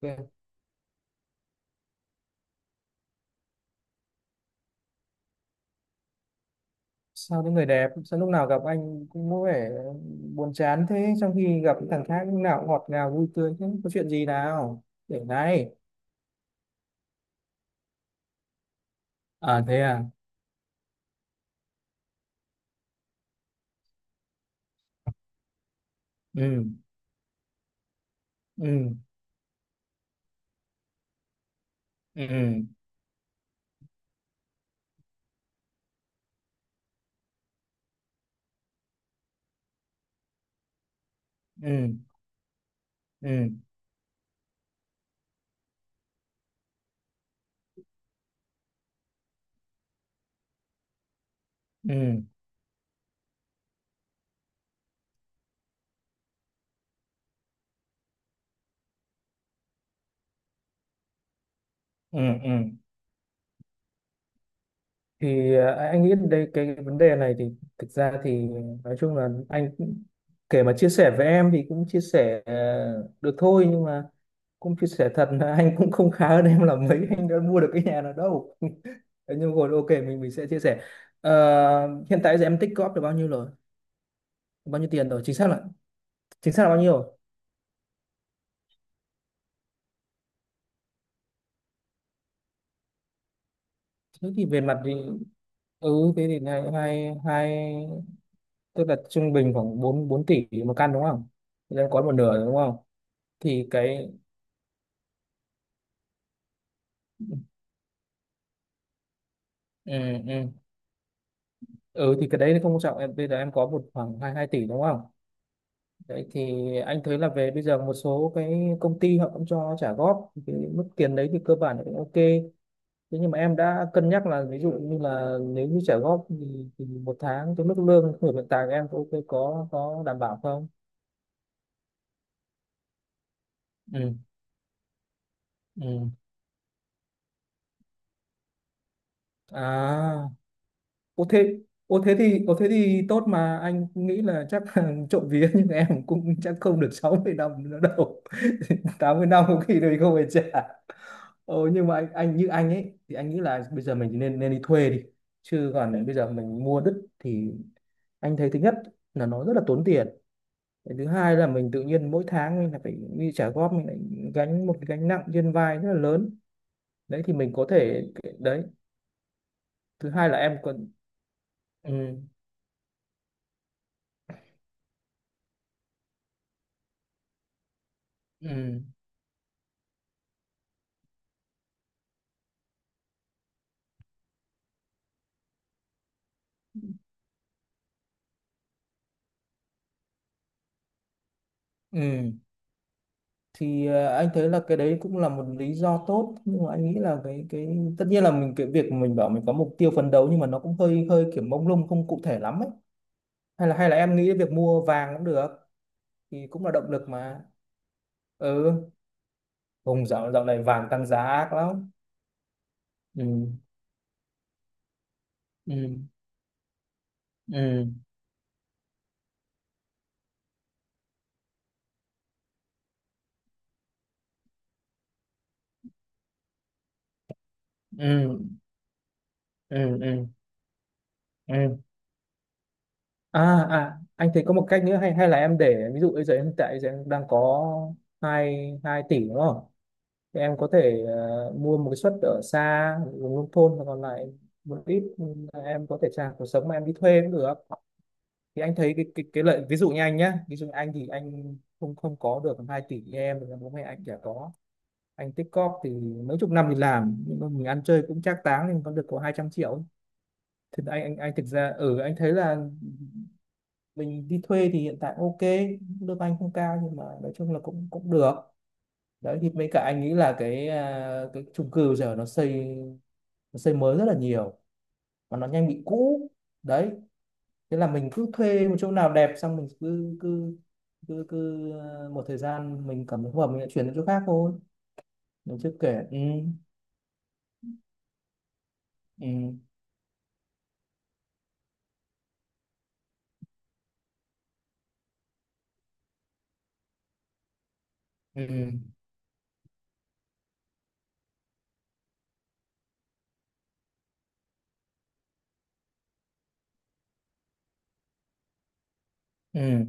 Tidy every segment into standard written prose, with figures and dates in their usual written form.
Kìa, sao cái người đẹp sao lúc nào gặp anh cũng có vẻ buồn chán thế, trong khi gặp cái thằng khác lúc nào cũng ngọt ngào vui tươi thế? Có chuyện gì nào để này? À thế à. Ừ. Ừ. Ừ. Ừ. Ừ. Ừ. Ừ. Ừ. Thì à, anh nghĩ đây cái vấn đề này thì thực ra thì nói chung là kể mà chia sẻ với em thì cũng chia sẻ được thôi, nhưng mà cũng chia sẻ thật là anh cũng không khá hơn em là mấy, anh đã mua được cái nhà nào đâu. Thế nhưng rồi ok mình sẽ chia sẻ. Ờ, hiện tại giờ em tích góp được bao nhiêu rồi, bao nhiêu tiền rồi, chính xác là bao nhiêu rồi? Thế thì về mặt thì ừ thế thì hai hai hai tức là trung bình khoảng bốn bốn tỷ một căn đúng không? Thì em có một nửa rồi đúng không? Thì cái ừ, ừ. Ừ thì cái đấy không quan trọng, em bây giờ em có một khoảng hai hai tỷ đúng không? Đấy thì anh thấy là về bây giờ một số cái công ty họ cũng cho trả góp cái mức tiền đấy thì cơ bản là cũng ok. Thế nhưng mà em đã cân nhắc là ví dụ như là nếu như trả góp thì một tháng cái mức lương của hiện tại của em có ok, có đảm bảo không? Ừ. Ừ. À ô thế, ô thế thì tốt, mà anh nghĩ là chắc là trộm vía nhưng em cũng chắc không được 60 năm nữa đâu. 80 năm có khi mình không phải trả. Ồ nhưng mà anh như anh ấy thì anh nghĩ là bây giờ mình nên nên đi thuê đi. Chứ còn bây giờ mình mua đứt thì anh thấy thứ nhất là nó rất là tốn tiền. Cái thứ hai là mình tự nhiên mỗi tháng mình lại phải đi trả góp, mình lại gánh một cái gánh nặng trên vai rất là lớn. Đấy thì mình có thể đấy. Thứ hai là em còn ừ. Ừ. Ừ thì anh thấy là cái đấy cũng là một lý do tốt, nhưng mà anh nghĩ là cái tất nhiên là mình cái việc mình bảo mình có mục tiêu phấn đấu, nhưng mà nó cũng hơi hơi kiểu mông lung, không cụ thể lắm ấy. Hay là em nghĩ việc mua vàng cũng được, thì cũng là động lực mà. Ừ, vùng dạo dạo này vàng tăng giá ác lắm. Ừ. Ừ. Ừ. Ừ. Ừ. Ừ. Ừ. À, à anh thấy có một cách nữa, hay hay là em để ví dụ bây giờ em tại giờ em đang có hai hai tỷ đúng không? Thì em có thể mua một cái suất ở xa vùng nông thôn và còn lại một ít, ừ, em có thể trả cuộc sống mà em đi thuê cũng được. Thì anh thấy cái lợi ví dụ như anh nhá, ví dụ như anh thì anh không không có được 2 tỷ như em, thì bố mẹ anh chả có, anh tích cóp thì mấy chục năm thì làm, nhưng mà mình ăn chơi cũng trác táng thì còn được có 200 triệu. Thì anh thực ra ừ anh thấy là mình đi thuê thì hiện tại ok, lương anh không cao nhưng mà nói chung là cũng cũng được. Đấy thì mấy cả anh nghĩ là cái à, cái chung cư giờ nó xây, nó xây mới rất là nhiều và nó nhanh bị cũ. Đấy, thế là mình cứ thuê một chỗ nào đẹp, xong mình cứ một thời gian mình cảm thấy không hợp mình lại chuyển đến chỗ khác thôi. Mình chưa kể ừ. Ừ. Ừ. Ừ.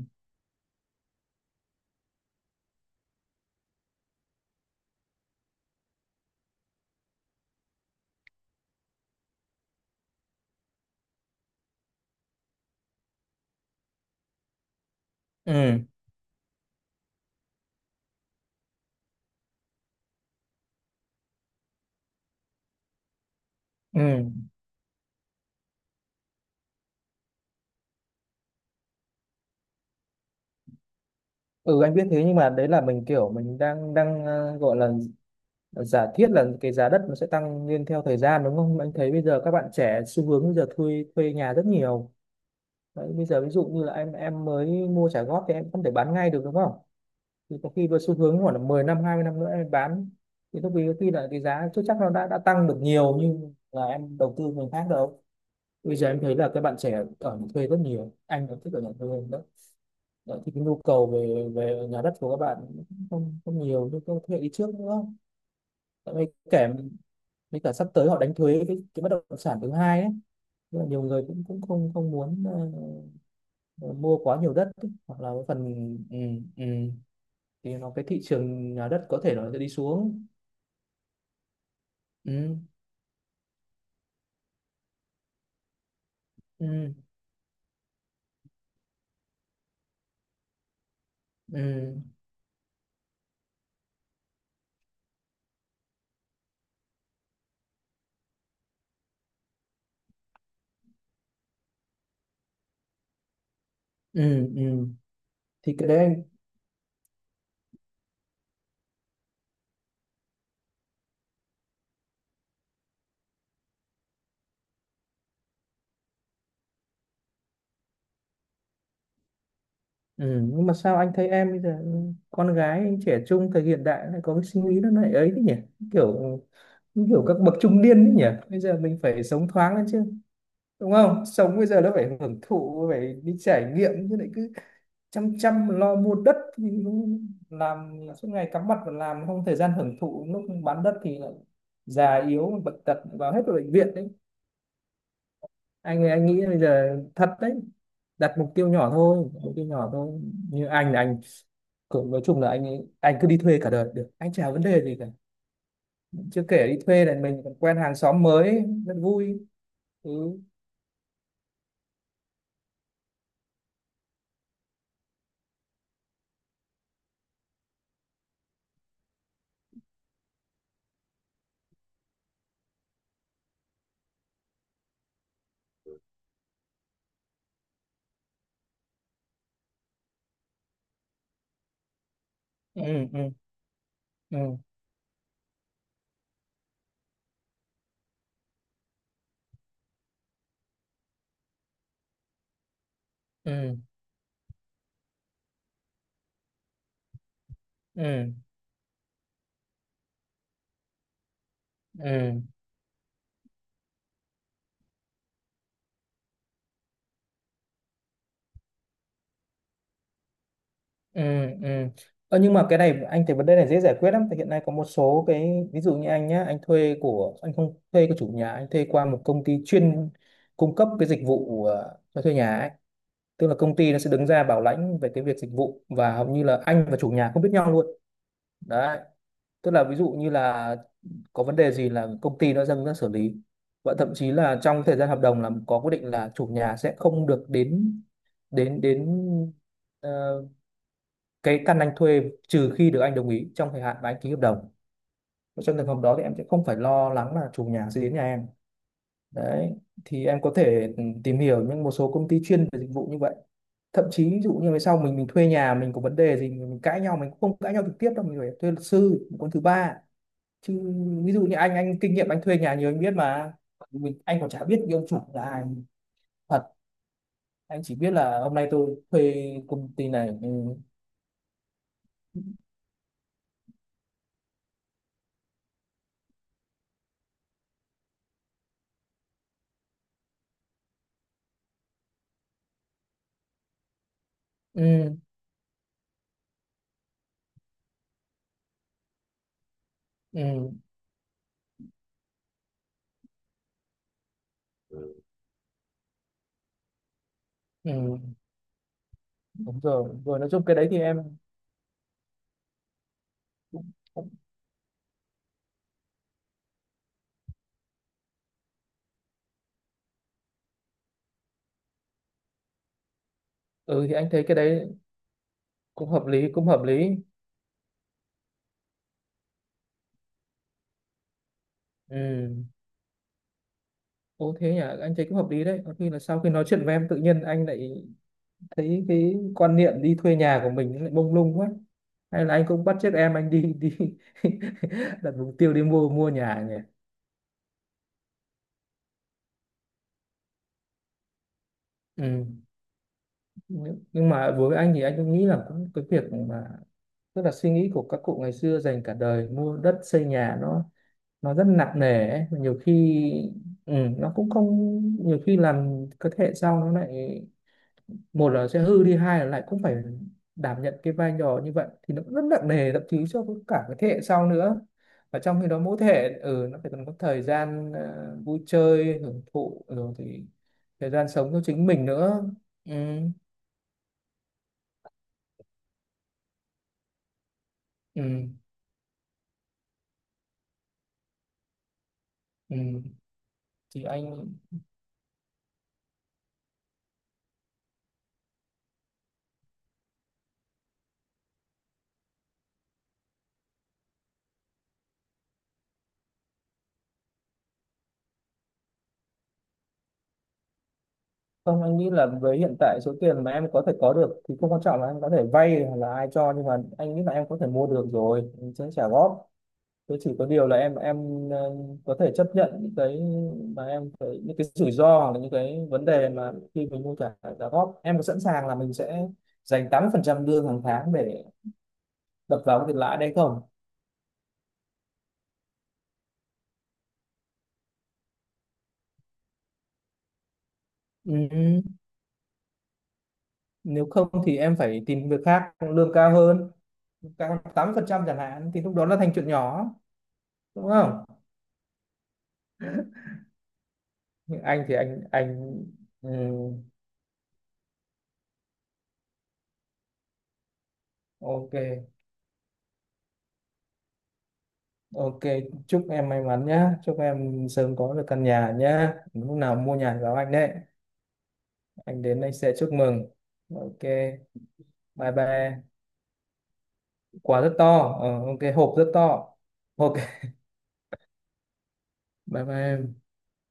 Ừ. Ừ. Ừ anh biết thế, nhưng mà đấy là mình kiểu mình đang đang gọi là giả thiết là cái giá đất nó sẽ tăng lên theo thời gian đúng không? Anh thấy bây giờ các bạn trẻ xu hướng bây giờ thuê thuê nhà rất nhiều. Đấy, bây giờ ví dụ như là em mới mua trả góp thì em không thể bán ngay được đúng không? Thì có khi với xu hướng khoảng là 10 năm 20 năm nữa em bán thì lúc ấy có khi là cái giá chưa chắc nó đã tăng được nhiều như là em đầu tư người khác đâu. Bây giờ em thấy là các bạn trẻ ở nhà thuê rất nhiều, anh cũng thích ở nhà thuê đó. Đấy, thì cái nhu cầu về về nhà đất của các bạn cũng không không nhiều như các thế hệ đi trước nữa. Tại vì kể với cả sắp tới họ đánh thuế cái bất động sản thứ hai ấy. Nên là nhiều người cũng cũng không không muốn ờ, mua quá nhiều đất ấy, hoặc là cái phần ừ, ừ. Thì nó cái thị trường nhà đất có thể nó sẽ đi xuống. Ừ. Ừ. Ừ. Ừ. Ừ. Thì cái đấy anh ừ. Nhưng mà sao anh thấy em bây giờ ừ, con gái anh trẻ trung thời hiện đại lại có cái suy nghĩ nó lại ấy thế nhỉ, kiểu như kiểu các bậc trung niên đấy nhỉ. Bây giờ mình phải sống thoáng lên chứ, đúng không? Sống bây giờ nó phải hưởng thụ, phải đi trải nghiệm chứ, lại cứ chăm chăm lo mua đất thì nó làm suốt ngày cắm mặt vào làm, không thời gian hưởng thụ, lúc bán đất thì lại già yếu bệnh tật vào hết vào bệnh viện đấy. Anh nghĩ bây giờ thật đấy, đặt mục tiêu nhỏ thôi, mục tiêu nhỏ thôi. Như anh là anh cũng nói chung là anh cứ đi thuê cả đời được, anh chả vấn đề gì cả. Chưa kể đi thuê là mình còn quen hàng xóm mới rất vui. Ừ. Ừ. Ừ. Ừ. Ừ. Ừ. Ừ. Ừ. Ừ. Ờ, nhưng mà cái này anh thấy vấn đề này dễ giải quyết lắm, tại hiện nay có một số cái, ví dụ như anh nhá, anh thuê của anh không thuê của chủ nhà, anh thuê qua một công ty chuyên cung cấp cái dịch vụ cho thuê nhà ấy. Tức là công ty nó sẽ đứng ra bảo lãnh về cái việc dịch vụ, và hầu như là anh và chủ nhà không biết nhau luôn. Đấy, tức là ví dụ như là có vấn đề gì là công ty nó dâng ra xử lý. Và thậm chí là trong thời gian hợp đồng là có quy định là chủ nhà sẽ không được đến đến đến ờ, cái căn anh thuê trừ khi được anh đồng ý trong thời hạn mà anh ký hợp đồng. Trong trường hợp đó thì em sẽ không phải lo lắng là chủ nhà sẽ đến nhà em. Đấy, thì em có thể ừ, tìm hiểu những một số công ty chuyên về dịch vụ như vậy. Thậm chí ví dụ như về sau mình thuê nhà mình có vấn đề gì mình cãi nhau, mình cũng không cãi nhau trực tiếp đâu, mình phải thuê luật sư một con thứ ba chứ. Ví dụ như anh kinh nghiệm anh thuê nhà nhiều anh biết mà, mình, anh còn chả biết cái ông chủ là ai thật. Anh chỉ biết là hôm nay tôi thuê công ty này ừ, ừ, ừ, ừ. Ừ. Đúng rồi, đúng rồi, nói chung cái đấy thì em cũng- cũng- ừ thì anh thấy cái đấy cũng hợp lý, cũng hợp lý. Ừ. Ồ thế nhỉ, anh thấy cũng hợp lý đấy. Có khi là sau khi nói chuyện với em tự nhiên anh lại thấy cái quan niệm đi thuê nhà của mình nó lại mông lung quá. Hay là anh cũng bắt chước em anh đi đi đặt mục tiêu đi mua mua nhà nhỉ. Ừ. Nhưng mà đối với anh thì anh cũng nghĩ là cũng cái việc mà tức là suy nghĩ của các cụ ngày xưa dành cả đời mua đất xây nhà nó rất nặng nề ấy. Nhiều khi ừ, nó cũng không, nhiều khi làm cái thế hệ sau nó lại, một là sẽ hư đi, hai là lại cũng phải đảm nhận cái vai trò như vậy thì nó cũng rất nặng nề thậm chí cho cả cái thế hệ sau nữa. Và trong khi đó mỗi thế hệ ừ, nó phải cần có thời gian vui chơi hưởng thụ rồi thì thời gian sống cho chính mình nữa. Ừ, ừ, ừ. Thì anh không, anh nghĩ là với hiện tại số tiền mà em có thể có được thì không quan trọng là anh có thể vay hoặc là ai cho, nhưng mà anh nghĩ là em có thể mua được rồi, anh sẽ trả góp. Thế chỉ có điều là em có thể chấp nhận những cái mà em phải, những cái rủi ro hoặc là những cái vấn đề mà khi mình mua trả trả góp, em có sẵn sàng là mình sẽ dành 80% lương hàng tháng để đập vào cái tiền lãi đấy không? Ừ. Nếu không thì em phải tìm việc khác lương cao hơn, cao 80% chẳng hạn thì lúc đó nó thành chuyện nhỏ, đúng không? Nhưng anh thì anh ừ. Ok, ok, chúc em may mắn nhá, chúc em sớm có được căn nhà nhá, lúc nào mua nhà thì báo anh đấy, anh đến anh sẽ chúc mừng. Ok, bye bye. Quả rất to. Ờ, ok, hộp rất to. Ok. Bye bye em.